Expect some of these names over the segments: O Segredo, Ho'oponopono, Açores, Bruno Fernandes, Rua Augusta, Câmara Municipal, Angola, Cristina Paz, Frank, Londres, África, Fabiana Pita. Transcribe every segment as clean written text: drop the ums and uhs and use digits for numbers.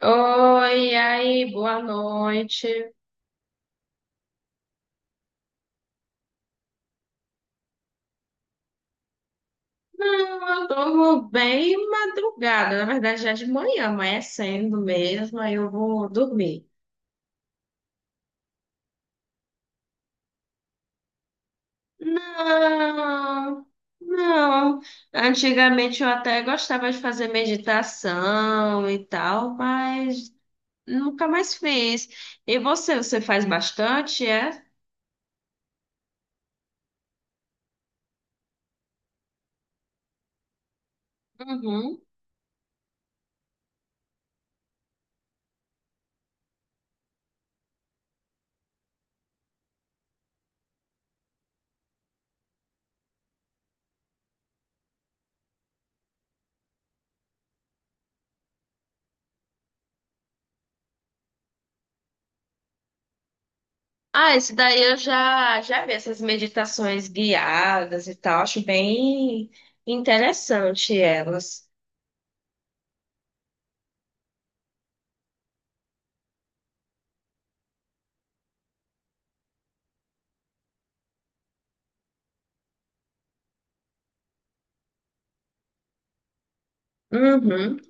Oi, e aí, boa noite. Não, eu durmo bem madrugada, na verdade já de manhã, amanhecendo mesmo, aí eu vou dormir. Não, não. Antigamente eu até gostava de fazer meditação e tal, mas nunca mais fiz. E você faz bastante, é? Uhum. Ah, esse daí eu já vi essas meditações guiadas e tal, acho bem interessante elas. Uhum.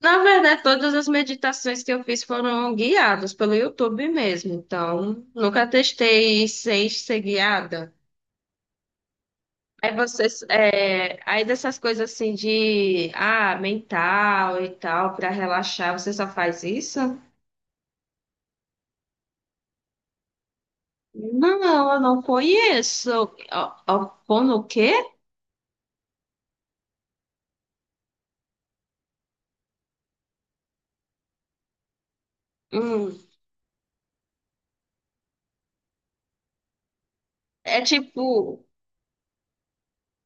Na verdade, todas as meditações que eu fiz foram guiadas pelo YouTube mesmo, então nunca testei sem ser guiada. Aí vocês, é, aí dessas coisas assim de, ah, mental e tal, para relaxar, você só faz isso? Não, eu não conheço. Opono o quê? Hum. É tipo,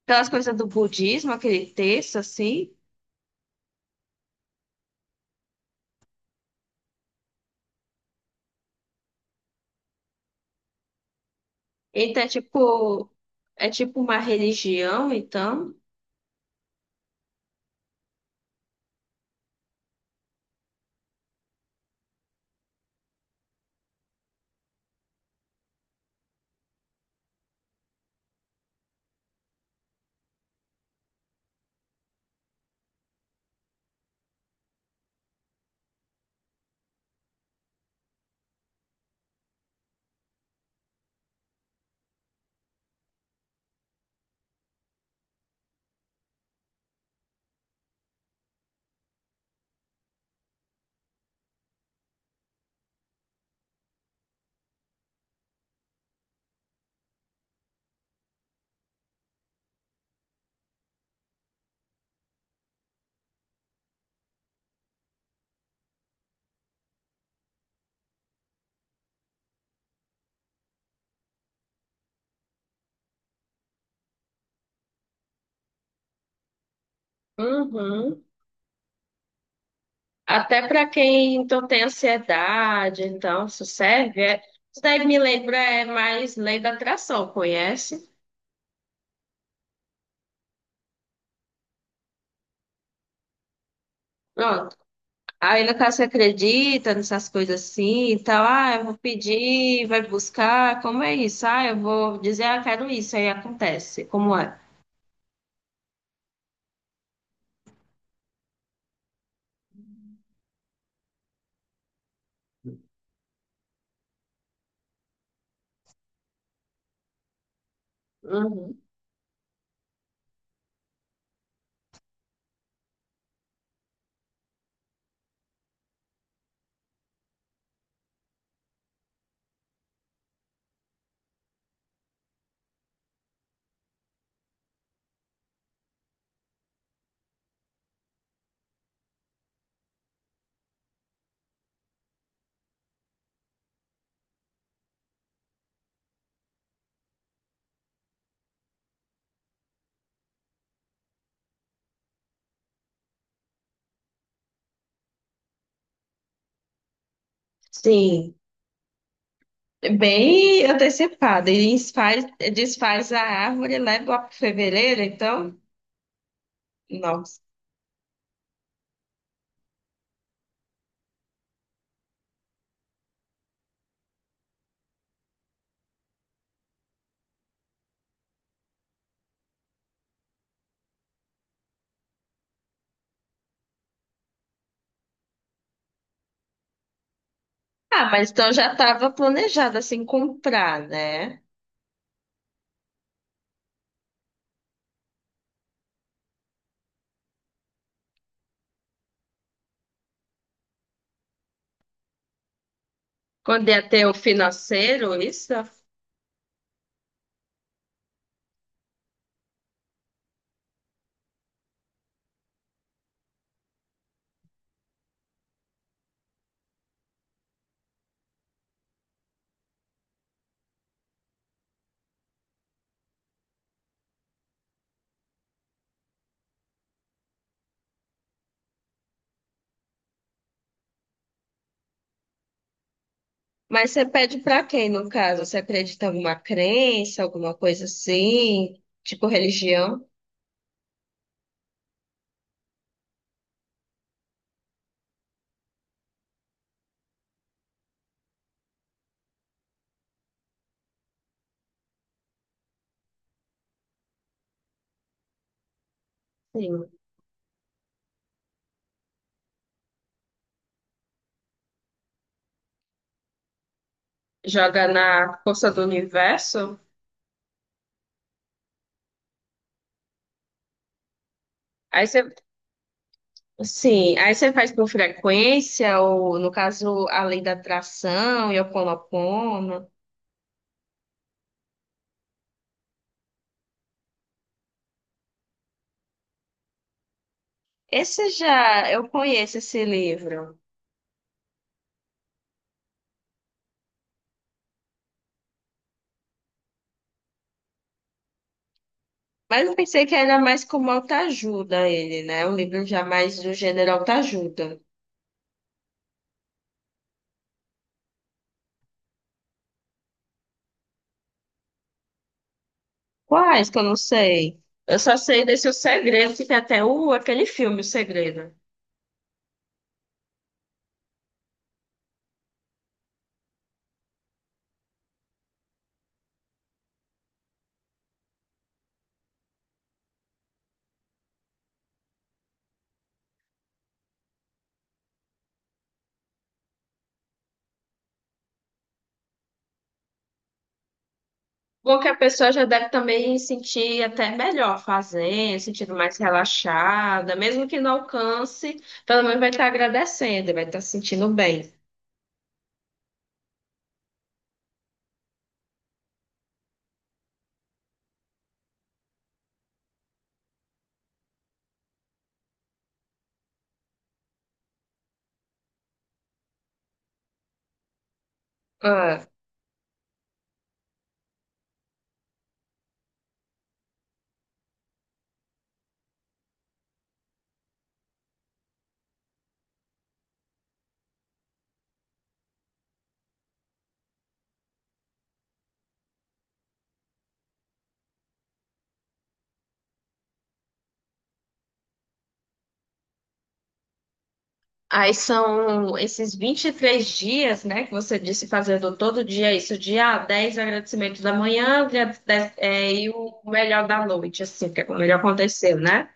aquelas coisas do budismo, aquele texto, assim. Então, é tipo uma religião, então. Uhum. Até para quem então tem ansiedade, então isso serve. É... Isso daí me lembra é mais lei da atração, conhece? Pronto. Aí no caso você acredita nessas coisas assim e tal, ah, eu vou pedir, vai buscar, como é isso? Ah, eu vou dizer, ah, quero isso, aí acontece. Como é? Uhum. Sim. Bem antecipada. E desfaz, desfaz a árvore, leva lá para fevereiro, então. Nossa. Ah, mas então já estava planejado assim comprar, né? Quando ia ter o financeiro, isso. Mas você pede para quem, no caso? Você acredita em alguma crença, alguma coisa assim? Tipo religião? Sim. Joga na força do universo? Aí você, sim, aí você faz com frequência, ou no caso, a lei da atração, e o Esse já, eu conheço esse livro, mas eu pensei que era mais como autoajuda ele, né? Um livro já mais do gênero autoajuda. Quais que eu não sei? Eu só sei desse O Segredo, que tem até o, aquele filme, O Segredo. Bom, que a pessoa já deve também sentir até melhor fazendo, sentindo mais relaxada, mesmo que não alcance, pelo menos vai estar agradecendo, vai estar se sentindo bem. Ah, aí são esses 23 dias, né, que você disse fazendo todo dia isso, dia dez 10 agradecimentos da manhã, dia 10 é, e o melhor da noite, assim, que é o melhor aconteceu, né?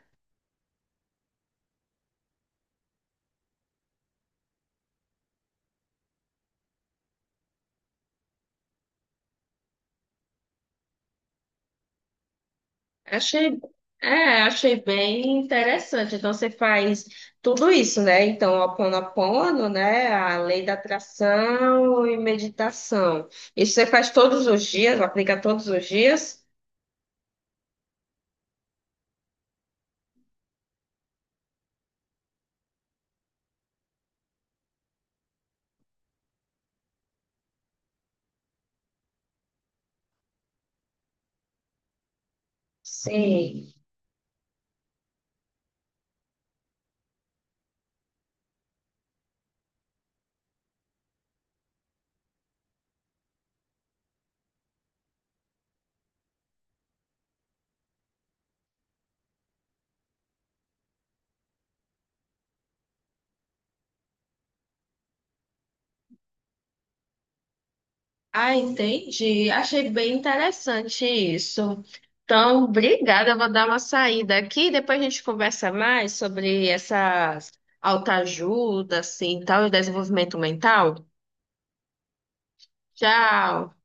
Achei, achei bem interessante. Então você faz tudo isso, né? Então, Ho'oponopono, né, a lei da atração e meditação. Isso você faz todos os dias, aplica todos os dias? Sim. Ah, entendi. Achei bem interessante isso. Então, obrigada. Eu vou dar uma saída aqui. Depois a gente conversa mais sobre essas autoajuda, assim, tal, e desenvolvimento mental. Tchau.